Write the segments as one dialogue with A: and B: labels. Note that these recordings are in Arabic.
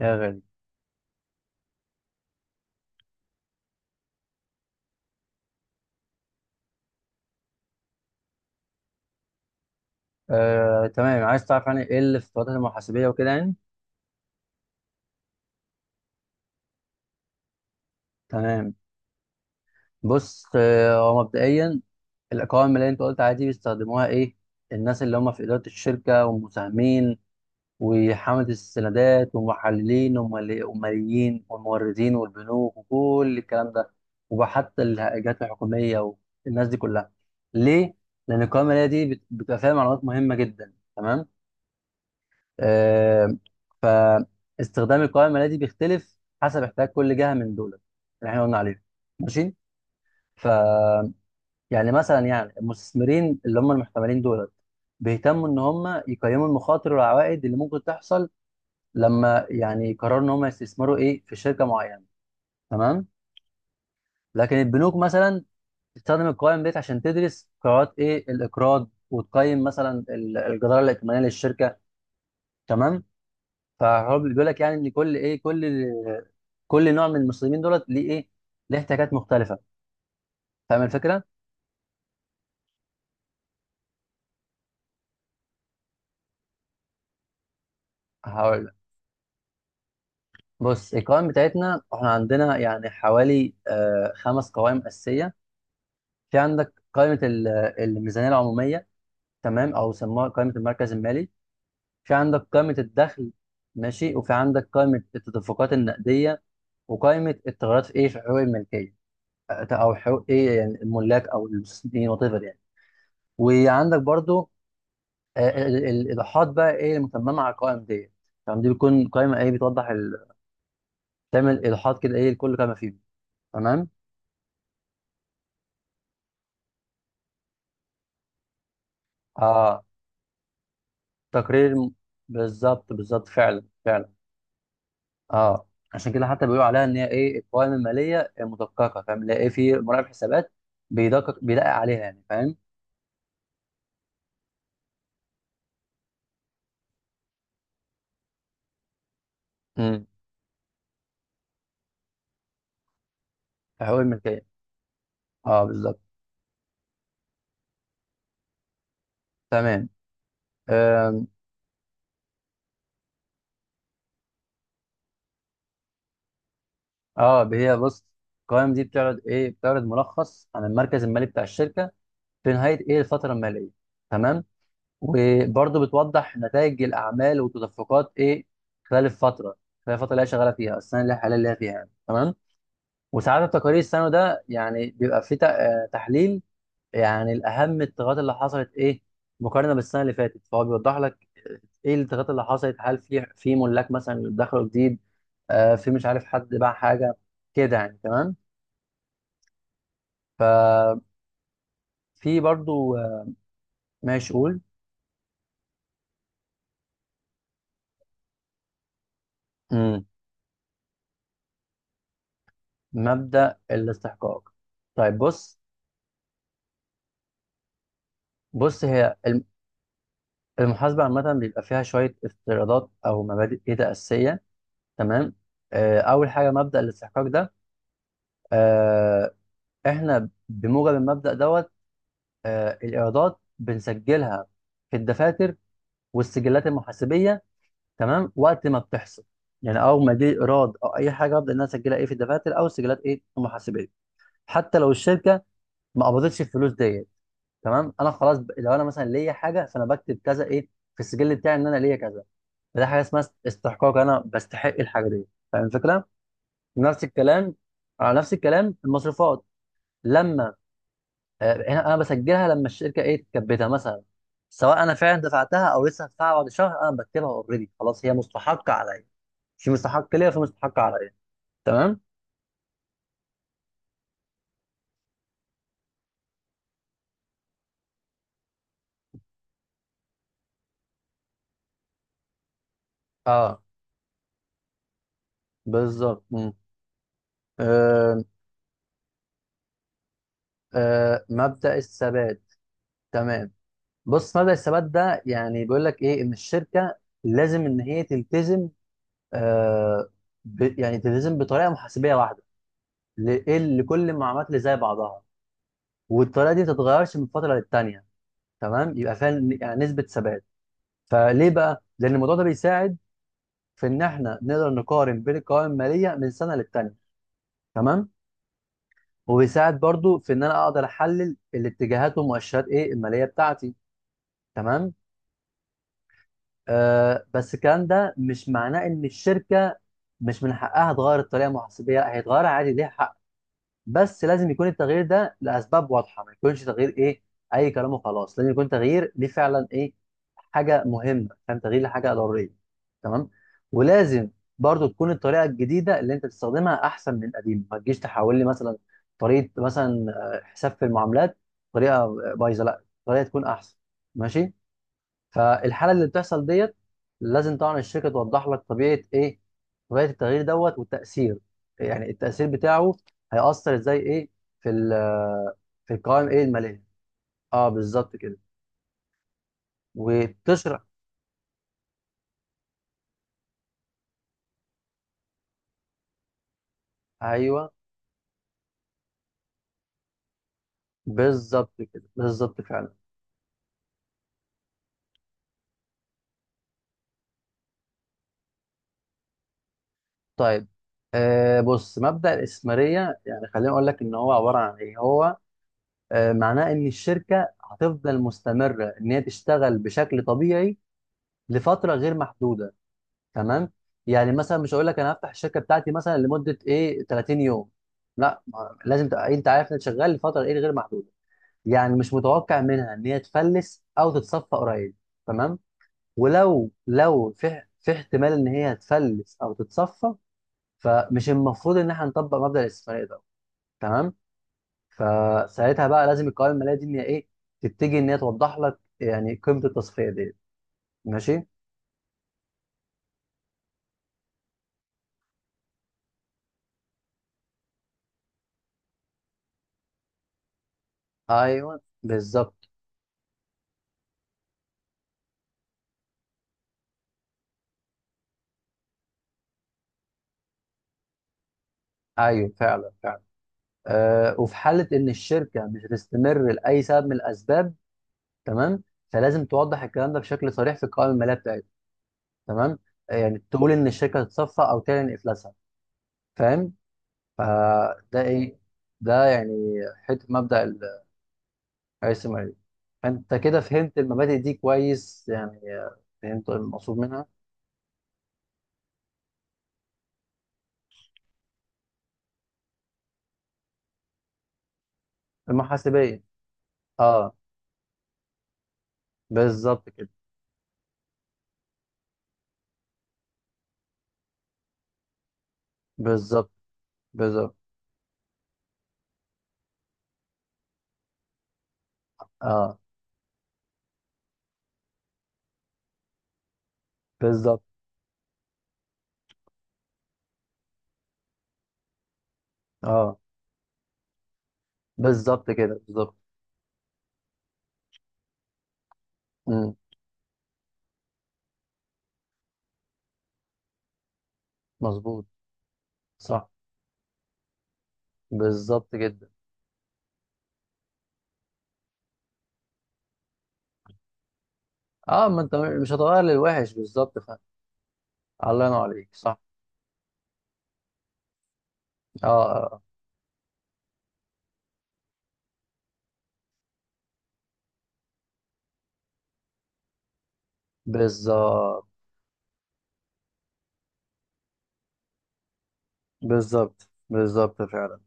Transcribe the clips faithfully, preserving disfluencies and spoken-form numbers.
A: يا غالي. آه، تمام، عايز تعرف يعني ايه الافتراضات المحاسبيه وكده يعني. تمام. بص، آه، هو مبدئيا القوائم اللي انت قلت عادي بيستخدموها ايه؟ الناس اللي هم في اداره الشركه والمساهمين وحمله السندات والمحللين والمالي- والماليين والموردين والبنوك وكل الكلام ده، وحتى الجهات الحكوميه والناس دي كلها. ليه؟ لان القوائم اللي هي دي بت- بتبقى فيها معلومات مهمه جدا. تمام. آه، فاستخدام القوائم المالية دي بيختلف حسب احتياج كل جهة من دول اللي احنا قلنا عليهم. ماشي. ف يعني مثلا يعني المستثمرين اللي هم المحتملين دول بيهتموا ان هم يقيموا المخاطر والعوائد اللي ممكن تحصل لما يعني يقرروا ان هم يستثمروا ايه في شركة معينة. تمام. لكن البنوك مثلا بتستخدم القوائم ديت عشان تدرس قرارات ايه الاقراض وتقيم مثلا ال- الجدارة الائتمانية للشركة. تمام. فهو بيقول لك يعني ان كل ايه كل كل نوع من المسلمين دولت ليه ايه، ليه احتياجات مختلفه. فاهم الفكره؟ هقول لك. بص، القوائم بتاعتنا احنا عندنا يعني حوالي آه خمس قوائم اساسيه. في عندك قائمه ال- الميزانيه العموميه، تمام، او سموها قائمه المركز المالي. في عندك قائمه الدخل، ماشي، وفي عندك قائمه التدفقات النقديه، وقائمه التغيرات في ايه في حقوق الملكيه، آه، او حقوق ايه يعني الملاك او المستثمرين وات ايفر يعني. وعندك برضو آه، ال- ال- الايضاحات بقى ايه المتممه على القوائم ديت. تمام، دي بتكون قائمه ايه بتوضح ال... تعمل ايضاحات كده ايه لكل قائمه فيهم. تمام. اه. تقرير م- بالظبط بالظبط فعلا فعلا. اه، عشان كده حتى بيقولوا عليها ان هي ايه القوائم الماليه المدققه، فاهم، اللي هي ايه في مراقب حسابات بيدقق بيدقق عليها يعني. فاهم؟ امم. حقوق الملكيه، اه بالظبط. تمام. آم، اه، هي بص، القوائم دي بتعرض ايه، بتعرض ملخص عن المركز المالي بتاع الشركه في نهايه ايه الفتره الماليه. تمام. وبرضه بتوضح نتائج الاعمال وتدفقات ايه خلال الفتره، خلال الفتره اللي هي شغاله فيها السنه اللي هي حاليا اللي هي فيها يعني. تمام. وساعات التقارير السنوي ده يعني بيبقى فيه تق- آه، تحليل يعني الاهم التغيرات اللي حصلت ايه مقارنه بالسنه اللي فاتت، فهو بيوضح لك ايه التغيرات اللي حصلت، هل في في ملاك مثلا دخلوا جديد، آه في مش عارف حد باع حاجه، كده يعني. تمام. ففي برضه آه، ماشي قول. مم. مبدأ الاستحقاق. طيب بص. بص هي المحاسبة عامة بيبقى فيها شوية افتراضات أو مبادئ كده أساسية. تمام. آه، أول حاجة مبدأ الاستحقاق ده، آه، إحنا بموجب المبدأ دوت آه، الإيرادات بنسجلها في الدفاتر والسجلات المحاسبية، تمام، وقت ما بتحصل. يعني أول ما يجي إيراد أو أي حاجة أبدأ إن أنا أسجلها إيه في الدفاتر أو السجلات إيه المحاسبية، حتى لو الشركة ما قبضتش الفلوس ديت. تمام. أنا خلاص ب- لو أنا مثلا ليا حاجة فأنا بكتب كذا إيه في السجل بتاعي إن أنا ليا كذا. ده حاجه اسمها استحقاق، انا بستحق الحاجه دي. فاهم الفكره؟ نفس الكلام، على نفس الكلام المصروفات. لما آه، هنا انا بسجلها لما الشركه ايه تكبتها مثلا، سواء انا فعلا دفعتها او لسه هدفعها بعد شهر، انا بكتبها اوريدي، خلاص هي مستحقه عليا. في مستحق ليا وفي مستحق عليا. تمام. اه بالظبط. مم. آه. آه مبدأ الثبات. تمام. بص، مبدأ الثبات ده يعني بيقول لك ايه، ان الشركه لازم ان هي تلتزم آه ب... يعني تلتزم بطريقه محاسبيه واحده ل... إيه ال- لكل المعلومات اللي زي بعضها، والطريقه دي ما تتغيرش من فتره للتانيه. تمام، يبقى فيها ن- يعني نسبه ثبات. فليه بقى؟ لان الموضوع ده بيساعد في ان احنا نقدر نقارن بين القوائم الماليه من سنه للتانيه. تمام. وبيساعد برضو في ان انا اقدر احلل الاتجاهات ومؤشرات ايه الماليه بتاعتي. تمام. آه، بس الكلام ده مش معناه ان الشركه مش من حقها تغير الطريقه المحاسبيه، هيتغير عادي ليها حق، بس لازم يكون التغيير ده لاسباب واضحه، ما يكونش تغيير ايه اي كلام وخلاص، لازم يكون تغيير ليه فعلا ايه حاجه مهمه، فاهم، تغيير لحاجه ضروريه. تمام. ولازم برضو تكون الطريقه الجديده اللي انت بتستخدمها احسن من القديمه، ما تجيش تحول لي مثلا طريقه، مثلا آه، حساب في المعاملات، طريقه بايظه، لا، طريقه تكون احسن. ماشي. فالحاله اللي بتحصل ديت، لازم طبعا الشركه توضح لك طبيعه ايه، طبيعه التغيير دوت، والتاثير، يعني التاثير بتاعه هيأثر ازاي ايه في ال في القوائم ايه الماليه. اه بالظبط كده. وتشرح. ايوه بالظبط كده، بالظبط فعلا. طيب. آه، بص، مبدأ الاستثماريه، يعني خليني اقول لك ان هو عباره عن ايه. هو آه معناه ان الشركه هتفضل مستمره ان هي تشتغل بشكل طبيعي لفتره غير محدوده. تمام. يعني مثلا مش هقول لك انا هفتح الشركه بتاعتي مثلا لمده ايه ثلاثين يوم، لا، ما- لازم تبقى انت عارف انك شغال لفتره ايه غير محدوده، يعني مش متوقع منها ان هي تفلس او تتصفى قريب. تمام. ولو لو في في احتمال ان هي تفلس او تتصفى، فمش المفروض ان احنا نطبق مبدأ الاستثماريه ده. تمام. فساعتها بقى لازم القوائم الماليه دي ان هي ايه تتجه ان هي توضح لك يعني قيمه التصفيه دي. ماشي. ايوه بالظبط. ايوه فعلا. آه، وفي حالة إن الشركة مش هتستمر لأي سبب من الأسباب، تمام، فلازم توضح الكلام ده بشكل صريح في القوائم المالية بتاعتها. تمام. آه، يعني تقول إن الشركة هتتصفى أو تعلن إفلاسها. فاهم. فده إيه، ده يعني حتة مبدأ الرئيس المالي. فأنت كده فهمت المبادئ دي كويس يعني، آه، فهمت المقصود منها. المحاسبية. أه بالظبط كده. بالظبط. بالظبط. أه بالظبط. أه بالظبط كده بالظبط. مم، مظبوط. صح، بالظبط جدا. اه، ما انت مش هتغير للوحش، بالظبط، فاهم. الله ينور عليك، صح. اه اه آه. بالظبط. بالظبط. بالظبط فعلا.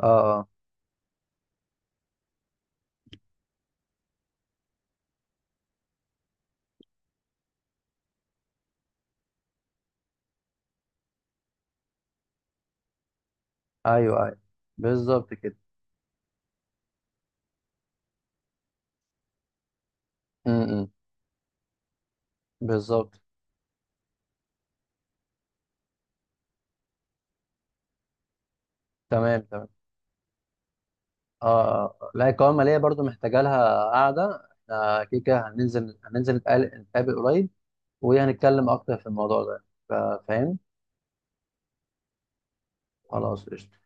A: اه اه. ايوه ايوه، بالظبط كده. امم، بالظبط. تمام تمام. اه اه آه. لا القوائم الماليه برضو محتاجه لها قعده، احنا كده كده هننزل هننزل نتقابل نتقابل قريب وهنتكلم اكتر في الموضوع ده. ف- فاهم. خلاص قشطة.